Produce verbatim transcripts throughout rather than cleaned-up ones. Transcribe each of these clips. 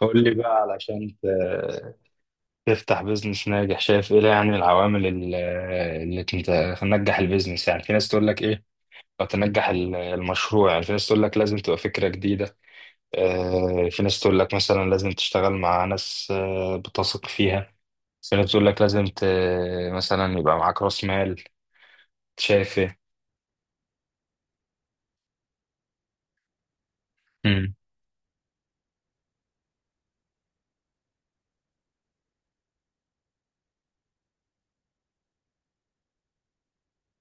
قول لي بقى، علشان ت- تفتح بيزنس ناجح. شايف ايه، يعني العوامل ال- اللي تنت- تنجح البيزنس؟ يعني في ناس تقول لك ايه، او تنجح ال- المشروع. يعني في ناس تقول لك لازم تبقى فكرة جديدة، آه، في ناس تقول لك مثلا لازم تشتغل مع ناس آه، بتثق فيها. في ناس تقول لك لازم ت... مثلا يبقى معاك راس مال. شايف ايه؟ مم.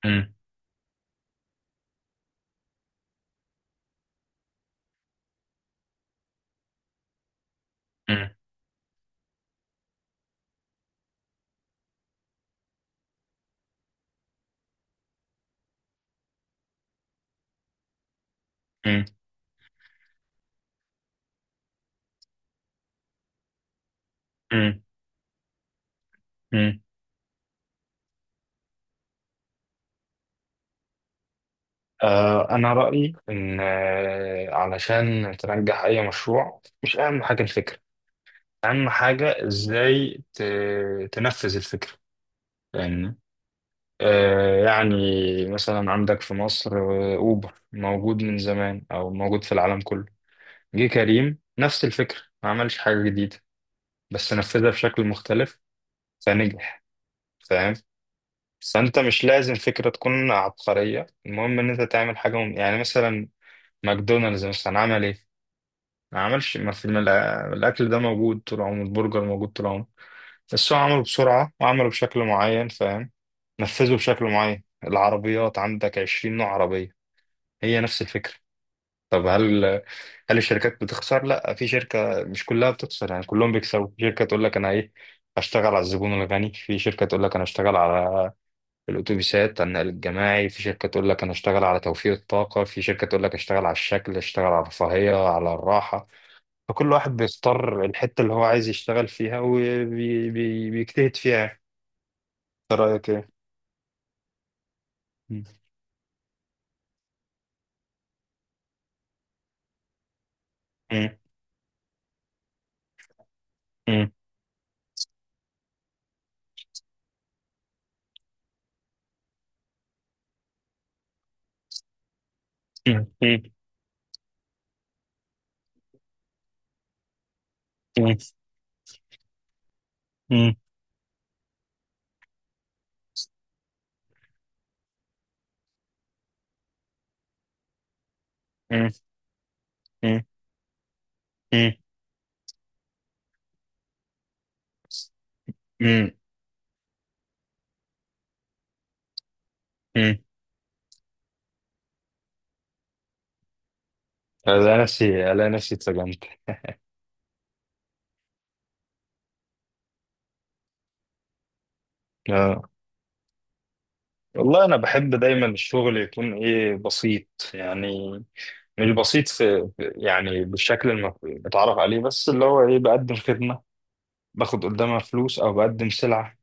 مم. مم. مم. مم. مم. آه، أنا رأيي إن آه، علشان تنجح أي مشروع، مش أهم حاجة الفكرة، اهم حاجه ازاي ت... تنفذ الفكره. يعني، آه يعني مثلا عندك في مصر آه، اوبر موجود من زمان، او موجود في العالم كله. جه كريم نفس الفكره، ما عملش حاجه جديده، بس نفذها بشكل مختلف فنجح. فاهم. فانت مش لازم فكره تكون عبقريه، المهم ان انت تعمل حاجه. مم... يعني مثلا ماكدونالدز مثلا عمل ايه، ما عملش، ما في، ما الأ- الاكل ده موجود طول عمره، البرجر موجود طول عمره، بس هو عمله بسرعة وعمله بشكل معين. فاهم. نفذه بشكل معين. العربيات عندك عشرين نوع عربية، هي نفس الفكرة. طب هل هل الشركات بتخسر؟ لا، في شركة مش كلها بتخسر، يعني كلهم بيكسبوا. في شركة تقول لك أنا إيه، هشتغل على الزبون الغني، في شركة تقول لك أنا هشتغل على الأتوبيسات، على النقل الجماعي، في شركة تقول لك أنا هشتغل على توفير الطاقة، في شركة تقول لك هشتغل على الشكل، هشتغل على الرفاهية، على الراحة. فكل واحد بيختار الحتة اللي هو عايز يشتغل فيها وبيجتهد فيها. انت رايك ايه؟ مم. مم. مم. مم. مم. مم. مم. مم. مم. مم. مم. الاقي نفسي الاقي نفسي اتسجنت. آه. والله انا بحب دايما الشغل يكون ايه، بسيط. يعني مش بسيط، في في- يعني بالشكل المف- المتعارف عليه، بس اللي هو ايه، بقدم خدمة باخد قدامها فلوس، او بقدم سلعة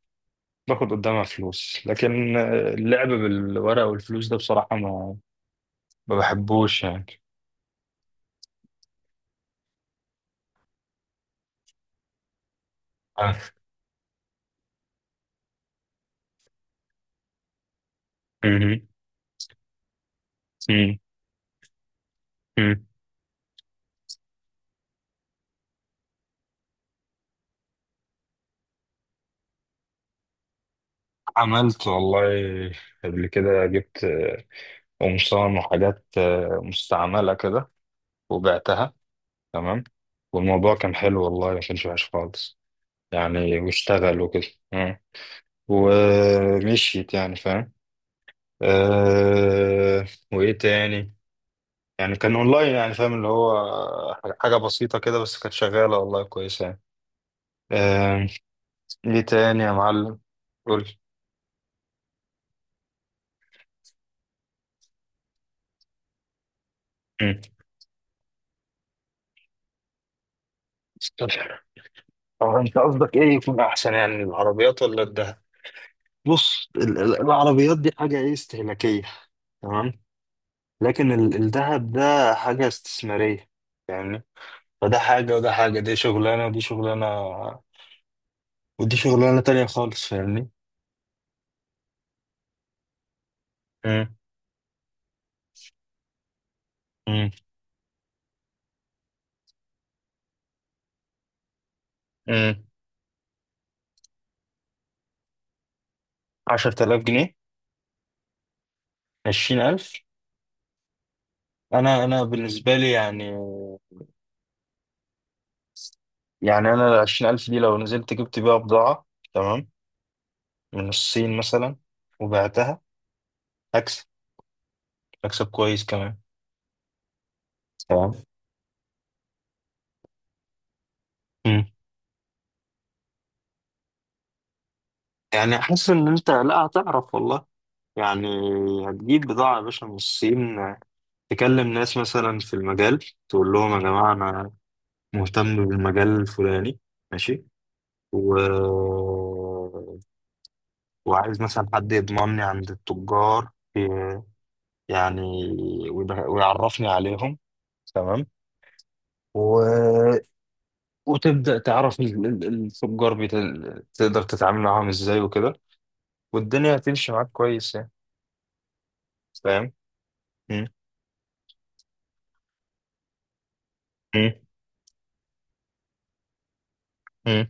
باخد قدامها فلوس. لكن آه، اللعب بالورق والفلوس ده، بصراحة، ما ما بحبوش يعني. آه. مم. مم. عملت والله، قبل كده جبت آه، أم صام وحاجات آه، مستعملة كده، وبعتها. تمام. والموضوع كان حلو والله، ما كانش وحش خالص يعني، واشتغل وكده. مم. ومشيت يعني، فاهم. أه. وإيه تاني. يعني كان أونلاين، يعني فاهم، اللي هو حاجة بسيطة كده، بس كانت شغالة والله، كويسة يعني. أه. إيه تاني يا معلم؟ قول. مم. طب، هو أنت قصدك إيه يكون أحسن، يعني العربيات ولا الدهب؟ بص، ال- ال- العربيات دي حاجة، ايه، استهلاكية. تمام. لكن ال- الذهب ده حاجة استثمارية يعني. فده حاجة وده حاجة، دي شغلانة ودي شغلانة، ودي شغلانة تانية خالص. فاهمني. امم. امم. امم. عشرة آلاف جنيه. عشرين ألف. أنا أنا بالنسبة لي يعني، يعني أنا ال عشرين ألف دي لو نزلت جبت بيها بضاعة، تمام، من الصين مثلا، وبعتها، أكسب، أكسب كويس كمان. تمام. مم. يعني حاسس ان انت لا، هتعرف والله يعني. هتجيب بضاعة يا باشا من الصين، تكلم ناس مثلا في المجال، تقول لهم يا جماعة، أنا مهتم بالمجال الفلاني، ماشي، و... وعايز مثلا حد يضمني عند التجار، ي- يعني ويبقى- ويعرفني عليهم. تمام. و... وتبدأ تعرف ال- ال- التجار، بيت... تقدر تتعامل معاهم ازاي وكده، والدنيا هتمشي معاك كويس يعني. فاهم؟ مم. مم. مم.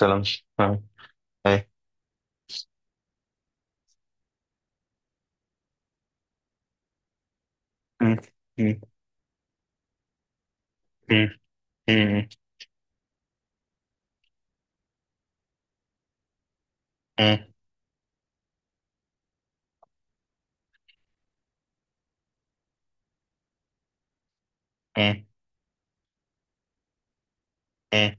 كلام. فاهم. مم. مم. مم. مم. مم. مم. مم.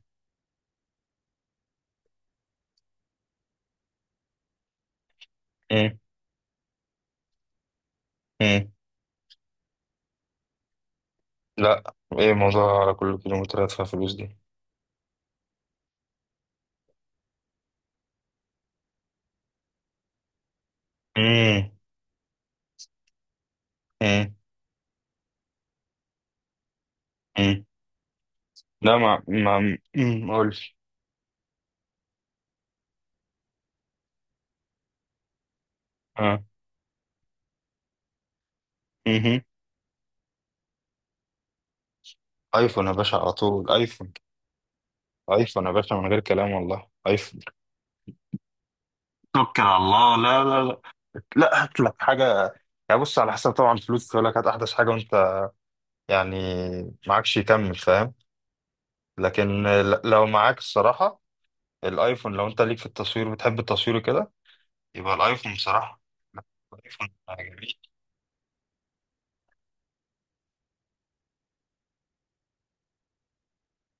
مم. مم. لا، ايه الموضوع على كل كيلومتر هدفع فلوس دي؟ مم. مم. مم. لا، ما ما مم. قولش. اه. مهم. ايفون يا باشا، على طول ايفون. ايفون يا باشا، من غير كلام والله، ايفون. توكل على الله. لا لا لا، لا هات لك حاجه. يعني بص، على حسب طبعا الفلوس، يقول لك هات احدث حاجه، وانت يعني معكش، يكمل، فاهم. لكن ل- لو معاك الصراحه الايفون، لو انت ليك في التصوير، بتحب التصوير كده، يبقى الايفون بصراحة. لا، الايفون جميل.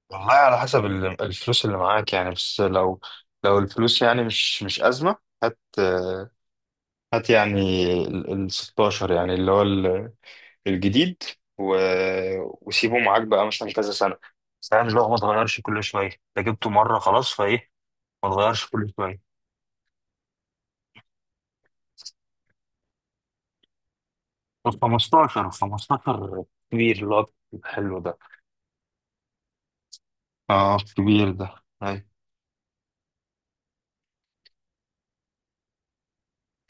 والله على حسب ال- الفلوس اللي معاك يعني، بس لو لو الفلوس يعني مش مش أزمة، هات آه، هات يعني ال ال ستة عشر يعني، اللي هو ال- الجديد، و... وسيبه معاك بقى مثلا كذا سنة، فاهم، اللي هو ما تغيرش كل شوية، انت جبته مرة خلاص فايه، ما تغيرش كل شوية. ال خمستاشر، خمستاشر كبير اللي هو الحلو ده. اه كبير ده. أيوة.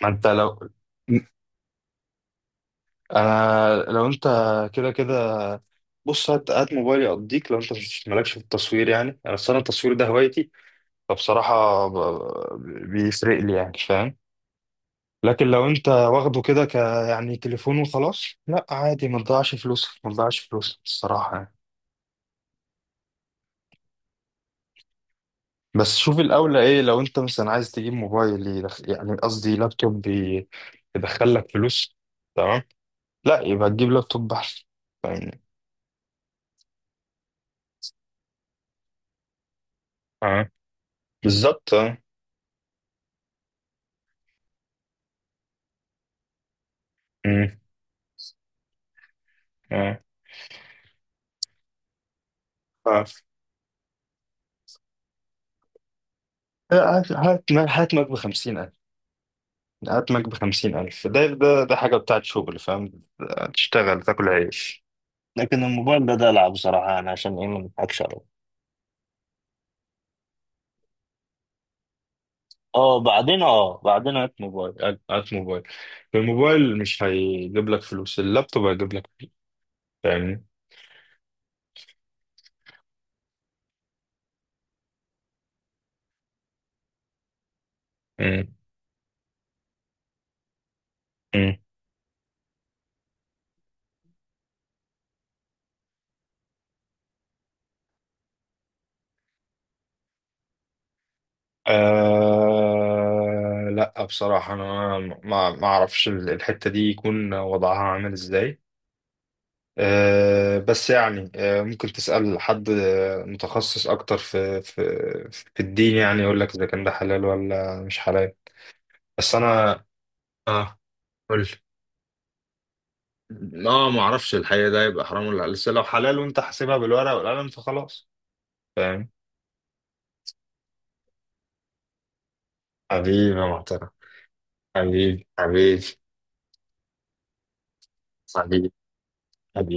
ما انت لو، انا لو انت، كده كده، بص هات، هات موبايلي اقضيك، لو انت مش- مالكش في التصوير يعني، انا اصلا التصوير ده هوايتي، فبصراحه ب- ب- بيفرق لي يعني، فاهم. لكن لو انت واخده كده ك يعني تليفون وخلاص، لا، عادي، ما تضيعش فلوسك، ما تضيعش فلوسك الصراحه يعني. بس شوف الاولى ايه، لو انت مثلا عايز تجيب موبايل يدخ... يعني قصدي لابتوب ي- يدخل لك فلوس، تمام، لا، يبقى تجيب لابتوب احسن، فاهمني. اه، بالظبط، اه. امم. اه. هات هات هات ماك بخمسين ألف، هات ماك بخمسين ألف، ده ده ده حاجة بتاعت شغل، فاهم. تشتغل تاكل عيش. لكن الموبايل ده دلع، بصراحة، أنا عشان إيه، ما نضحكش عليه. أه بعدين، أه بعدين هات موبايل، هات هات موبايل. الموبايل مش هيجيب لك فلوس، اللابتوب هيجيب لك فلوس، فاهمني. مم. مم. آه لا، بصراحة أنا ما ما أعرفش الحتة دي يكون وضعها عامل إزاي. آه، بس يعني، آه، ممكن تسأل حد آه، متخصص أكتر في في في الدين يعني، يقول لك إذا كان ده حلال ولا مش حلال. بس أنا، آه قول لي. آه ما أعرفش الحقيقة، ده يبقى حرام ولا لسه، لو حلال وأنت حاسبها بالورقة والقلم فخلاص. فاهم. حبيبي يا معترف، حبيبي، حبيبي، حبيبي.